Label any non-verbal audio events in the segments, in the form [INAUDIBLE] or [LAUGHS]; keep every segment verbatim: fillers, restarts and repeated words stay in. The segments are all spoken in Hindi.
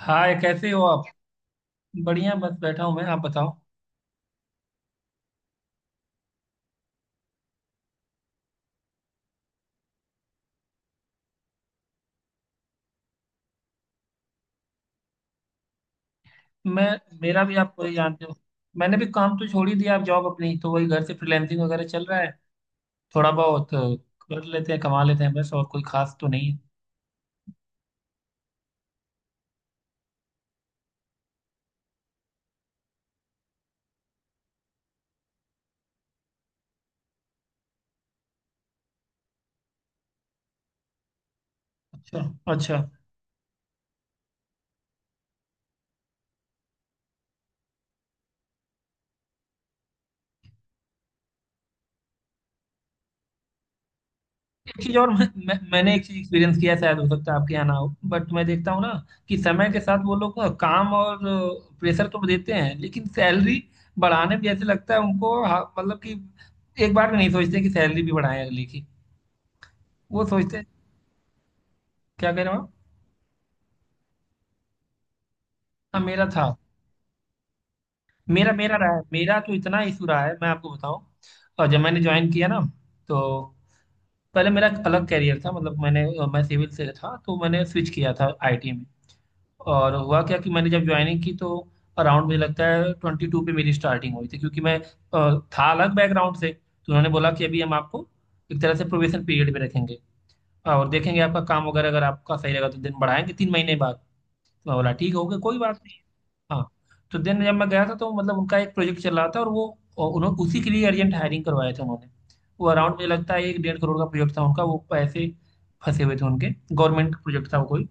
हाय, कैसे हो आप। बढ़िया, बस बैठा हूँ मैं, आप बताओ। मैं मेरा भी आप वही जानते हो। मैंने भी काम तो छोड़ ही दिया आप, जॉब अपनी, तो वही घर से फ्रीलैंसिंग वगैरह चल रहा है। थोड़ा बहुत कर लेते हैं, कमा लेते हैं बस, और कोई खास तो नहीं है। अच्छा, अच्छा। एक चीज और मैं, मैं, मैंने एक चीज एक्सपीरियंस किया है, शायद हो सकता है आपके यहाँ ना हो। बट मैं देखता हूँ ना कि समय के साथ वो लोग ना काम और प्रेशर तो देते हैं, लेकिन सैलरी बढ़ाने में जैसे लगता है उनको, हाँ, मतलब कि एक बार में नहीं सोचते कि सैलरी भी बढ़ाएं अगले की। वो सोचते हैं। क्या कह रहे हो आप। हाँ, मेरा था। मेरा मेरा रहा है, मेरा तो इतना इशू रहा है, मैं आपको बताऊं। और जब मैंने ज्वाइन किया ना तो, पहले मेरा एक अलग कैरियर था, मतलब मैंने मैं सिविल से था, तो मैंने स्विच किया था आई टी में। और हुआ क्या कि मैंने जब ज्वाइनिंग की तो अराउंड मुझे लगता है ट्वेंटी टू पे मेरी स्टार्टिंग हुई थी, क्योंकि मैं अ, था अलग बैकग्राउंड से, तो उन्होंने बोला कि अभी हम आपको एक तरह से प्रोबेशन पीरियड में रखेंगे और देखेंगे आपका काम वगैरह, अगर आपका सही रहेगा तो दिन बढ़ाएंगे तीन महीने बाद। मैं बोला ठीक होगा, कोई बात नहीं। हाँ। तो देन जब मैं गया था तो मतलब उनका एक प्रोजेक्ट चल रहा था, और वो और उन्होंने उसी के लिए अर्जेंट हायरिंग करवाए थे उन्होंने। वो अराउंड मुझे लगता है एक डेढ़ करोड़ का प्रोजेक्ट था उनका, वो पैसे फंसे हुए थे उनके, गवर्नमेंट प्रोजेक्ट था वो कोई।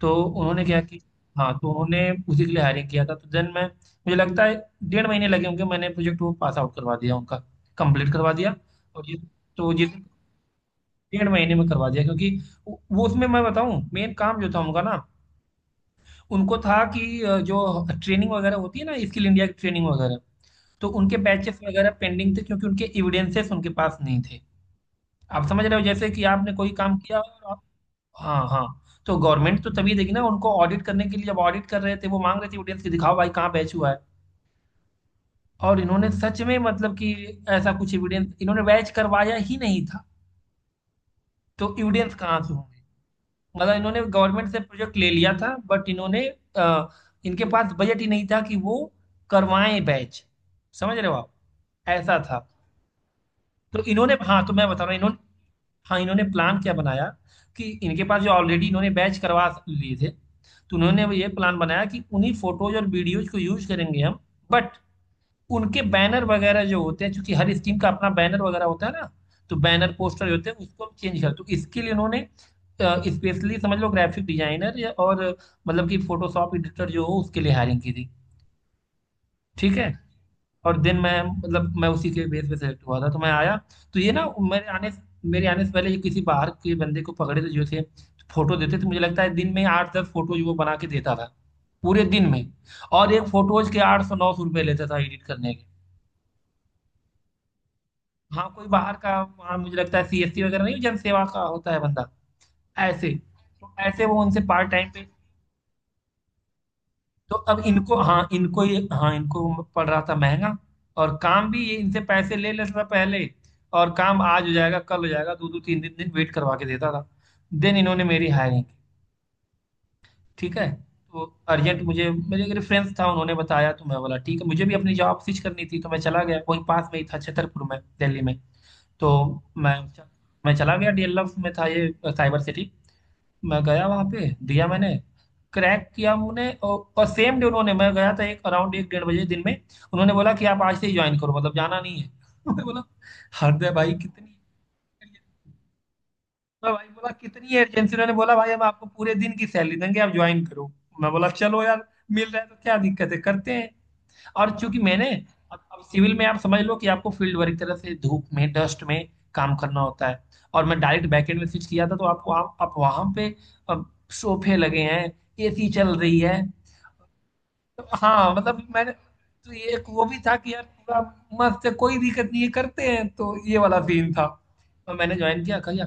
तो उन्होंने क्या कि, हाँ, तो उन्होंने उसी के लिए हायरिंग किया था, तो देन मैं मुझे लगता है डेढ़ महीने लगे होंगे, मैंने प्रोजेक्ट वो पास आउट करवा दिया उनका, कंप्लीट करवा दिया। और ये, तो जिस डेढ़ महीने में करवा दिया, क्योंकि वो वो उसमें मैं बताऊँ मेन काम जो था उनका ना, उनको था कि अ, जो ट्रेनिंग वगैरह होती है ना, स्किल इंडिया की ट्रेनिंग वगैरह। तो उनके बैचेस वगैरह पेंडिंग थे, क्योंकि उनके एविडेंसेस उनके पास नहीं थे। आप समझ रहे हो, जैसे कि आपने कोई काम किया और आप। हाँ, हाँ। तो गवर्नमेंट तो तभी देगी ना उनको, ऑडिट करने के लिए जब ऑडिट कर रहे थे वो मांग रहे थे एविडेंस, कि दिखाओ भाई कहाँ बैच हुआ है। और इन्होंने सच में मतलब कि ऐसा कुछ एविडेंस इन्होंने बैच करवाया ही नहीं था, तो एविडेंस कहाँ से होंगे। मतलब इन्होंने गवर्नमेंट से प्रोजेक्ट ले लिया था बट इन्होंने अ, इनके पास बजट ही नहीं था कि वो करवाएं बैच, समझ रहे हो आप। ऐसा था। तो इन्होंने, हाँ, तो मैं बता रहा हूँ इन्होंने, हाँ, इन्होंने प्लान क्या बनाया कि इनके पास जो ऑलरेडी इन्होंने बैच करवा लिए थे, तो उन्होंने ये प्लान बनाया कि उन्हीं फोटोज और वीडियोज को यूज करेंगे हम, बट उनके बैनर वगैरह जो होते हैं, क्योंकि हर स्कीम का अपना बैनर वगैरह होता है ना, तो बैनर पोस्टर जो होते हैं उसको हम चेंज कर, तो इसके लिए उन्होंने स्पेशली समझ लो ग्राफिक डिजाइनर या और, मतलब कि फोटोशॉप एडिटर जो हो उसके लिए हायरिंग की थी, ठीक है। और देन मैं मतलब मैं उसी के बेस पे सेलेक्ट हुआ था, तो मैं आया। तो ये ना मेरे आने मेरे आने से पहले ये किसी बाहर के बंदे को पकड़े थे जो थे, फोटो देते थे, मुझे लगता है दिन में आठ दस फोटो जो वो बना के देता था पूरे दिन में, और एक फोटोज के आठ सौ नौ सौ रुपये लेता था एडिट करने के। हाँ, कोई बाहर का, हाँ, मुझे लगता है सी एस सी वगैरह, नहीं, जन सेवा का होता है बंदा, ऐसे। तो ऐसे वो उनसे पार्ट टाइम पे। तो अब इनको, हाँ, इनको ये, हाँ, इनको पड़ रहा था महंगा, और काम भी ये इनसे पैसे ले लेता था पहले, और काम आज हो जाएगा कल हो जाएगा, दो दो तीन दिन दिन वेट करवा के देता था। देन इन्होंने मेरी हायरिंग की, ठीक है। तो अर्जेंट, मुझे मेरे एक रेफरेंस था, उन्होंने बताया, तो मैं बोला ठीक है, मुझे भी अपनी जॉब स्विच करनी थी, तो मैं चला गया वहीं पास में ही था छतरपुर में, दिल्ली में। तो मैं मैं चला गया डी एल एफ में था ये, साइबर सिटी। मैं गया वहां पे, दिया मैंने, क्रैक किया उन्होंने, और, और सेम डे उन्होंने, मैं गया था एक अराउंड एक डेढ़ बजे दिन में, उन्होंने बोला कि आप आज से ही ज्वाइन करो, मतलब जाना नहीं है। [LAUGHS] मैं बोला, हरदय भाई कितनी, मैं भाई बोला कितनी अर्जेंसी। उन्होंने बोला, भाई हम आपको पूरे दिन की सैलरी देंगे, आप ज्वाइन करो। मैं बोला चलो यार, मिल रहा है तो क्या दिक्कत है, करते हैं। और चूंकि मैंने, अब, अब सिविल में आप समझ लो कि आपको फील्ड वर्क तरह से धूप में, डस्ट में काम करना होता है, और मैं डायरेक्ट बैकएंड में स्विच किया था, तो आपको आप, आप वहां पे अब सोफे लगे हैं, ए सी चल रही है। तो हाँ, मतलब मैंने तो ये एक वो भी था कि यार पूरा मस्त है, कोई दिक्कत नहीं है, करते हैं, तो ये वाला सीन था। और मैंने ज्वाइन किया, कर लिया।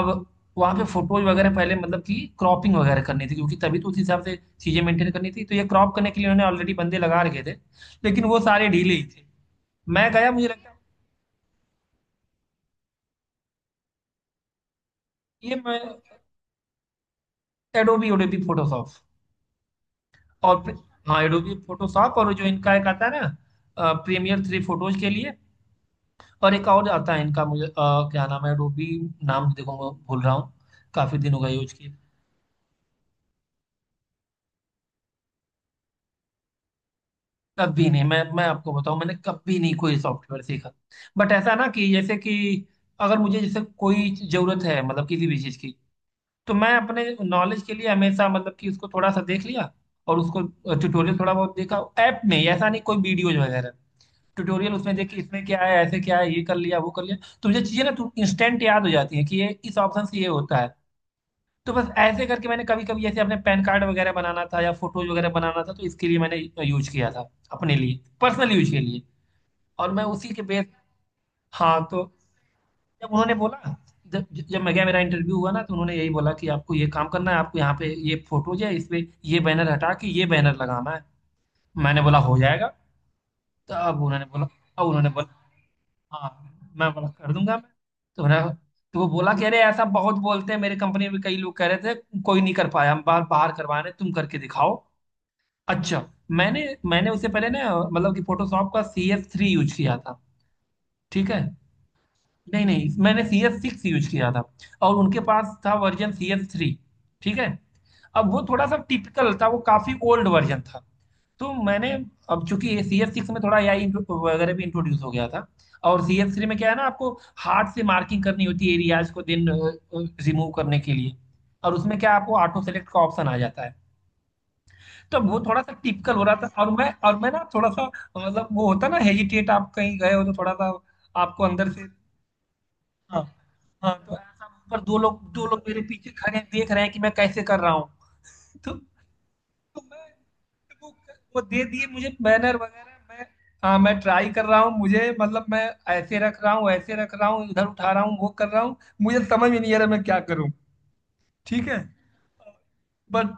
अब वहाँ पे फोटोज वगैरह पहले, मतलब कि क्रॉपिंग वगैरह करनी थी, क्योंकि तभी तो उस हिसाब से चीज़ें मेंटेन करनी थी, तो ये क्रॉप करने के लिए उन्होंने ऑलरेडी बंदे लगा रखे थे, लेकिन वो सारे ढीले ही थे। मैं गया मुझे लगता है, ये मैं एडोबी एडोबी फोटोशॉप। और फिर- हाँ, एडोबी फोटोशॉप, और जो इनका एक आता है ना, प्रीमियर थ्री फोटोज के लिए। और एक और आता है इनका, मुझे अ, क्या नाम है, रूबी। नाम देखो मैं भूल रहा हूँ, काफी दिन हो गए यूज किए। कभी नहीं, मैं मैं आपको बताऊं, मैंने कभी नहीं कोई सॉफ्टवेयर सीखा, बट ऐसा ना कि जैसे कि अगर मुझे जैसे कोई जरूरत है, मतलब किसी भी चीज की, तो मैं अपने नॉलेज के लिए हमेशा मतलब कि उसको थोड़ा सा देख लिया, और उसको ट्यूटोरियल थोड़ा बहुत देखा, ऐप में, ऐसा नहीं कोई वीडियोज वगैरह, ट्यूटोरियल उसमें देख के इसमें क्या है ऐसे क्या है, ये कर लिया वो कर लिया। तो मुझे चीजें ना इंस्टेंट याद हो जाती है कि ये इस ऑप्शन से ये होता है, तो बस ऐसे करके मैंने कभी कभी, जैसे अपने पैन कार्ड वगैरह बनाना था या फोटोज वगैरह बनाना था, तो इसके लिए मैंने यूज किया था, अपने लिए पर्सनल यूज के लिए। और मैं उसी के बेस, हाँ, तो जब उन्होंने बोला, जब जब मैं गया मेरा इंटरव्यू हुआ ना, तो उन्होंने यही बोला कि आपको ये काम करना है, आपको यहाँ पे ये फोटोज है, इस पे ये बैनर हटा के ये बैनर लगाना है। मैंने बोला हो जाएगा। तो अब उन्होंने बोला अब उन्होंने बोला, हाँ, मैं बोला कर दूंगा मैं। तो उन्होंने, तो वो बोला कि अरे ऐसा बहुत बोलते हैं, मेरे कंपनी में कई लोग कह रहे थे, कोई नहीं कर पाया, हम बाहर बाहर करवाने, तुम करके दिखाओ, अच्छा। मैंने मैंने उससे पहले ना, मतलब कि फोटोशॉप का सी एस थ्री यूज किया था, ठीक है, नहीं, नहीं, मैंने सी एस सिक्स यूज किया था, और उनके पास था वर्जन सी एस थ्री, ठीक है। अब वो थोड़ा सा टिपिकल था, वो काफी ओल्ड वर्जन था, तो मैंने, अब चूंकि सी एस सिक्स में थोड़ा ए आई वगैरह भी इंट्रोड्यूस हो गया था, और सी एस थ्री में क्या है ना, आपको हार्ड से मार्किंग करनी होती है एरियाज को दिन रिमूव करने के लिए, और उसमें क्या आपको ऑटो सेलेक्ट का ऑप्शन आ जाता है। तो वो थोड़ा सा टिपिकल हो रहा था, और मैं और मैं ना थोड़ा सा, मतलब वो होता ना हेजिटेट, आप कहीं गए हो तो थोड़ा सा आपको अंदर से, हाँ, हाँ। तो ऐसा, पर दो लोग दो लोग मेरे पीछे खड़े हैं, देख रहे हैं कि मैं कैसे कर रहा हूँ, तो, तो मैं तो वो, वो दे दिए मुझे बैनर वगैरह मैं, हाँ मैं ट्राई कर रहा हूँ मुझे, मतलब मैं ऐसे रख रहा हूँ ऐसे रख रहा हूँ, इधर उठा रहा हूँ वो कर रहा हूँ, मुझे समझ में नहीं आ रहा मैं क्या करूँ, ठीक है, बट।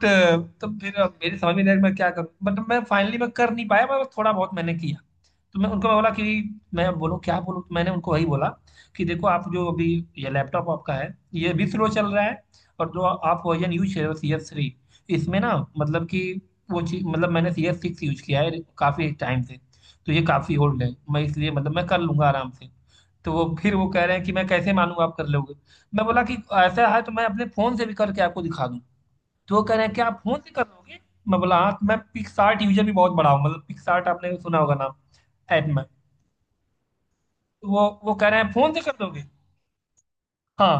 तो फिर मेरे समझ में नहीं आया कि मैं क्या करूँ, बट मैं फाइनली मैं कर नहीं पाया, मैं थोड़ा बहुत मैंने किया, तो मैं उनको बोला कि, मैं बोलूँ क्या बोलूँ, तो मैंने उनको वही बोला कि देखो आप जो अभी ये लैपटॉप आपका है, ये भी स्लो चल रहा है, और जो आप वर्जन यूज कर रहे हो सी एस थ्री, इसमें ना मतलब कि वो चीज, मतलब मैंने सी एस सिक्स यूज किया है काफ़ी टाइम से, तो ये काफ़ी ओल्ड है, मैं इसलिए मतलब मैं कर लूंगा आराम से। तो वो फिर वो कह रहे हैं कि मैं कैसे मानूँ आप कर लोगे। मैं बोला कि ऐसा है तो मैं अपने फ़ोन से भी करके आपको दिखा दूँ। तो वो कह रहे हैं कि आप फोन से कर लोगे। मैं बोला हाँ, तो मैं पिक्सार्ट यूजर भी बहुत बड़ा हूँ। मतलब पिक्सार्ट आपने सुना होगा नाम, ऐप में। तो वो वो कह रहे हैं फोन से कर दोगे। हाँ,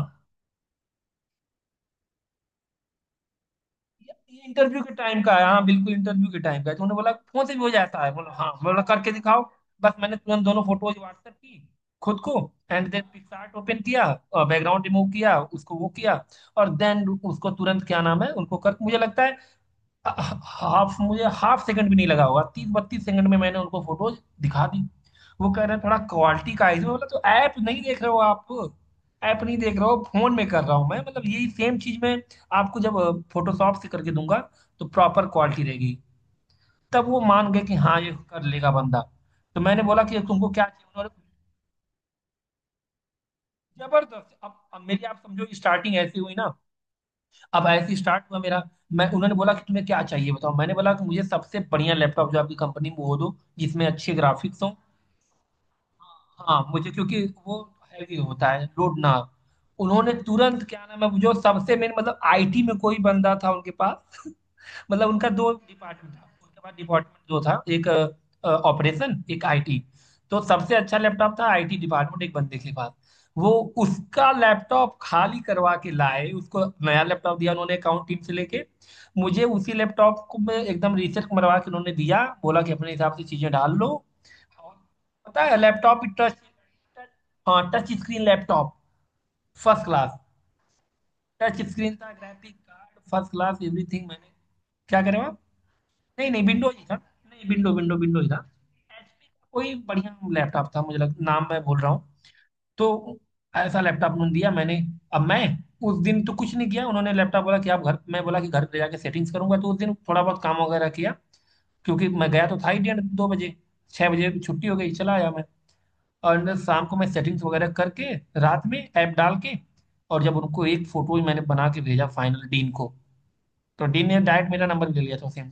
ये इंटरव्यू के टाइम का है, हाँ बिल्कुल इंटरव्यू के टाइम का है। तो उन्होंने बोला फोन से भी हो जाता है, बोला हाँ, बोला करके दिखाओ। बस मैंने तुरंत दोनों फोटोज व्हाट्सएप की खुद को। एंड देन पिक्सार्ट ओपन किया और बैकग्राउंड रिमूव किया उसको, वो किया और देन उसको तुरंत, क्या नाम है उनको, कर मुझे लगता है हाफ, मुझे हाफ सेकंड भी नहीं लगा होगा, तीस बत्तीस सेकंड में मैंने उनको फोटोज दिखा दी। वो कह रहे हैं थोड़ा क्वालिटी का इशू, बोला तो ऐप नहीं देख रहे हो आप, ऐप नहीं देख रहे हो, फोन में कर रहा हूँ मैं। मतलब यही सेम चीज मैं आपको जब फोटोशॉप से करके दूंगा तो प्रॉपर क्वालिटी रहेगी। तब वो मान गए कि हाँ, ये कर लेगा बंदा। तो मैंने बोला कि तुमको क्या चाहिए, उन्होंने जबरदस्त, अब अब मेरी आप समझो स्टार्टिंग ऐसी हुई ना, अब ऐसे ही स्टार्ट हुआ मेरा। मैं, उन्होंने बोला कि तुम्हें क्या चाहिए बताओ, मैंने बोला कि मुझे सबसे बढ़िया लैपटॉप जो आपकी कंपनी में वो दो जिसमें अच्छे ग्राफिक्स हों। हाँ मुझे क्योंकि वो हैवी होता है लोड ना। उन्होंने तुरंत, क्या नाम है वो, जो सबसे मेन मतलब आईटी में कोई बंदा था उनके पास। मतलब उनका दो डिपार्टमेंट था, उनके पास डिपार्टमेंट दो था, एक ऑपरेशन एक आईटी। तो सबसे अच्छा लैपटॉप था आईटी डिपार्टमेंट एक बंदे के पास। वो उसका लैपटॉप खाली करवा के लाए, उसको नया लैपटॉप दिया उन्होंने अकाउंट टीम से लेके, मुझे उसी लैपटॉप को में एकदम रिसेट मरवा के उन्होंने दिया, बोला कि अपने हिसाब से चीजें डाल लो। और पता है लैपटॉप भी टच, हाँ touch screen laptop, first class. Touch screen था, graphic card first class, everything. मैंने क्या करें आप। नहीं नहीं, विंडोज ही था, नहीं विंडो विंडो विंडोज ही था। एचपी का कोई बढ़िया लैपटॉप था, मुझे लग, नाम मैं भूल रहा हूँ। तो ऐसा लैपटॉप उन्होंने दिया। मैंने, अब मैं, उस दिन तो कुछ नहीं किया, उन्होंने लैपटॉप बोला कि आप घर, मैं बोला कि घर ले जाके सेटिंग्स करूंगा, तो उस दिन थोड़ा बहुत काम वगैरह किया, क्योंकि मैं गया तो था ही डेढ़ दो बजे। छः बजे छुट्टी हो गई चला आया मैं। और न- शाम को मैं सेटिंग्स वगैरह करके रात में ऐप डाल के, और जब उनको एक फोटो मैंने बना के भेजा, फाइनल डीन को, तो डीन ने डायरेक्ट मेरा नंबर ले लिया था सेम।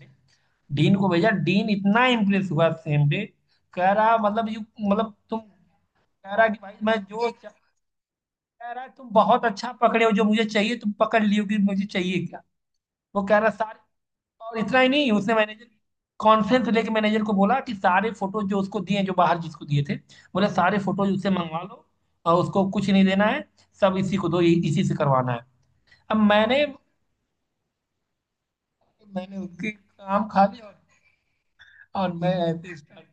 डीन को भेजा, डीन इतना इम्प्रेस हुआ सेम डे। कह रहा मतलब यू, मतलब तुम, कह रहा कि भाई मैं जो चा- कह रहा तुम बहुत अच्छा पकड़े हो, जो मुझे चाहिए तुम पकड़ लियो कि मुझे चाहिए क्या। वो कह रहा सारे, और इतना ही नहीं, उसने मैनेजर कॉन्फ्रेंस लेके मैनेजर को बोला कि सारे फोटो जो उसको दिए, जो बाहर जिसको दिए थे, बोले सारे फोटो उससे मंगवा लो और उसको कुछ नहीं देना है, सब इसी को दो, ये- इसी से करवाना है। अब मैंने, मैंने उसके काम खा लिया और और मैं ऐसे start।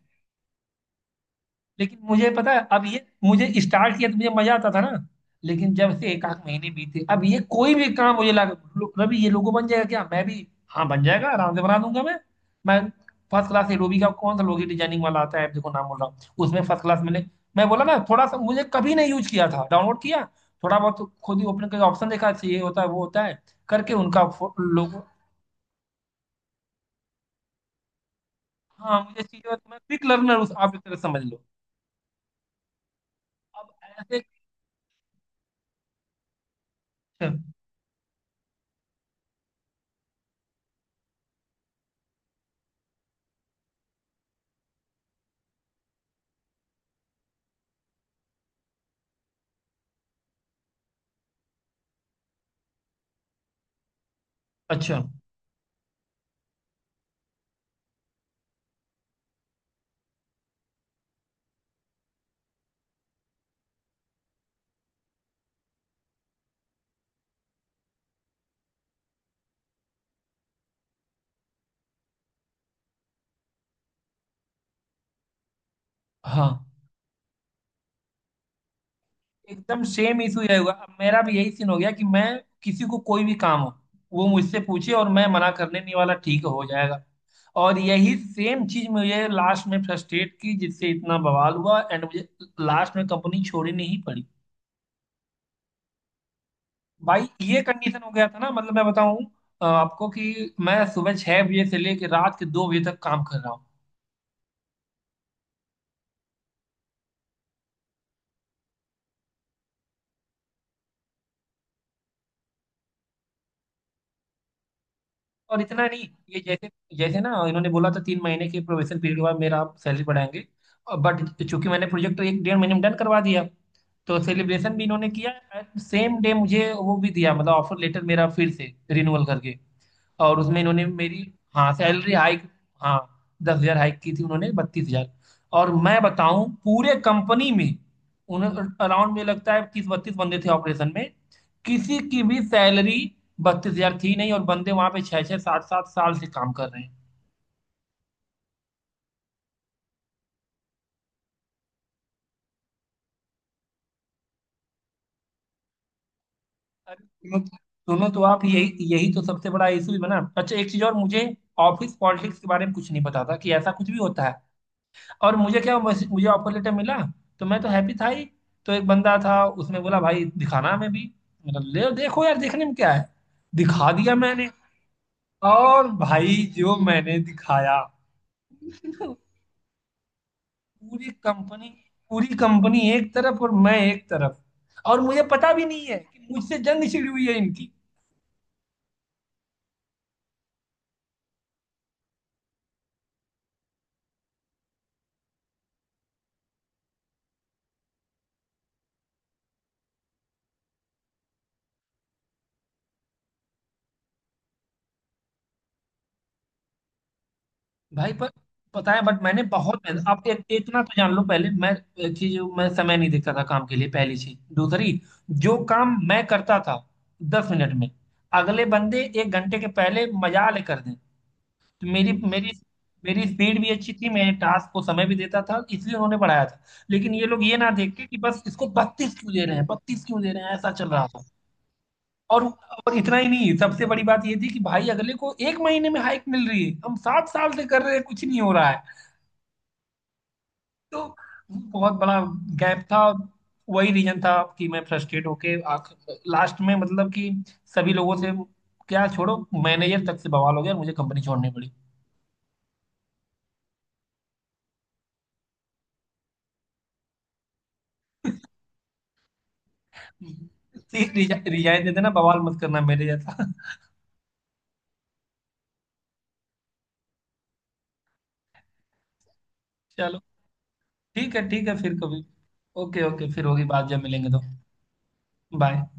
लेकिन मुझे पता है अब ये, मुझे स्टार्ट किया तो मुझे मजा आता था ना। लेकिन जब से एक आध महीने बीते, अब ये कोई भी काम मुझे लगा, लो- रवि ये लोगो बन जाएगा क्या, मैं भी हाँ बन जाएगा आराम से बना दूंगा मैं। मैं फर्स्ट क्लास, एडोबी का कौन सा लोगो डिजाइनिंग वाला आता है, देखो नाम बोल रहा हूँ, उसमें फर्स्ट क्लास मैंने, मैं बोला ना, थोड़ा सा मुझे कभी नहीं यूज किया था, डाउनलोड किया थोड़ा बहुत खुद ही ओपन करके ऑप्शन देखा, अच्छा ये होता है वो होता है करके उनका लोगो। हाँ मुझे चीजें, मैं क्विक लर्नर उस आप एक तरह से समझ लो। अब ऐसे अच्छा। हाँ एकदम सेम इशू यही हुआ, अब मेरा भी यही सीन हो गया कि मैं किसी को कोई भी काम हो, वो मुझसे पूछे और मैं मना करने नहीं वाला, ठीक है, हो जाएगा। और यही सेम चीज मुझे लास्ट में फ्रस्ट्रेट की, जिससे इतना बवाल हुआ एंड मुझे लास्ट में कंपनी छोड़नी ही पड़ी। भाई ये कंडीशन हो गया था ना, मतलब मैं बताऊं अ, आपको कि मैं सुबह छह बजे से लेकर रात के दो बजे तक काम कर रहा हूँ। और इतना नहीं, ये जैसे, जैसे ना इन्होंने बोला था तीन महीने के प्रोबेशन पीरियड के बाद मेरा आप सैलरी बढ़ाएंगे। बट चूंकि मैंने प्रोजेक्ट एक डेढ़ महीने में डन करवा दिया, तो सेलिब्रेशन भी इन्होंने किया एंड सेम डे मुझे वो भी दिया, मतलब ऑफर लेटर मेरा फिर से रिन्यूअल करके। और उसमें इन्होंने मेरी, हाँ सैलरी हाइक, हाँ, दस हजार हाइक की थी उन्होंने, बत्तीस हजार। और मैं बताऊं पूरे कंपनी में उन्हें, अराउंड में लगता है तीस बत्तीस बंदे थे ऑपरेशन में, किसी की भी सैलरी बत्तीस हजार थी नहीं, और बंदे वहां पे छह छह सात सात साल से काम कर रहे हैं। अरे सुनो तो- सुनो तो आप, यही यही तो सबसे बड़ा इशू भी बना। अच्छा एक चीज और, मुझे ऑफिस पॉलिटिक्स के बारे में कुछ नहीं पता था कि ऐसा कुछ भी होता है। और मुझे क्या मैसे- मुझे ऑफर लेटर मिला तो मैं तो हैप्पी था ही, तो एक बंदा था उसने बोला भाई दिखाना हमें भी, मतलब ले देखो यार देखने में क्या है, दिखा दिया मैंने। और भाई जो मैंने दिखाया [LAUGHS] पूरी कंपनी, पूरी कंपनी एक तरफ और मैं एक तरफ, और मुझे पता भी नहीं है कि मुझसे जंग छिड़ी हुई है इनकी। भाई पर पता है, बट मैंने बहुत मेहनत, आप एक, इतना तो जान लो, पहले मैं एक चीज मैं समय नहीं देखता था काम के लिए पहली चीज। दूसरी, जो काम मैं करता था दस मिनट में, अगले बंदे एक घंटे के पहले मजा ले कर दें। तो मेरी मेरी मेरी स्पीड भी अच्छी थी, मैं टास्क को समय भी देता था, इसलिए उन्होंने बढ़ाया था। लेकिन ये लोग ये ना देख के कि बस इसको बत्तीस क्यों दे रहे हैं बत्तीस क्यों दे रहे हैं, ऐसा चल रहा था। और और इतना ही नहीं, सबसे बड़ी बात ये थी कि भाई अगले को एक महीने में हाइक मिल रही है, हम सात साल से कर रहे हैं कुछ नहीं हो रहा है। तो बहुत बड़ा गैप था। वही रीजन था कि मैं फ्रस्ट्रेट होके आख, लास्ट में मतलब कि सभी लोगों से, क्या छोड़ो, मैनेजर तक से बवाल हो गया, मुझे कंपनी छोड़नी पड़ी। [LAUGHS] रिजाइन दे देना बवाल मत करना मेरे जैसा [LAUGHS] चलो ठीक है, ठीक है फिर कभी। ओके ओके, फिर होगी बात जब मिलेंगे तो। बाय।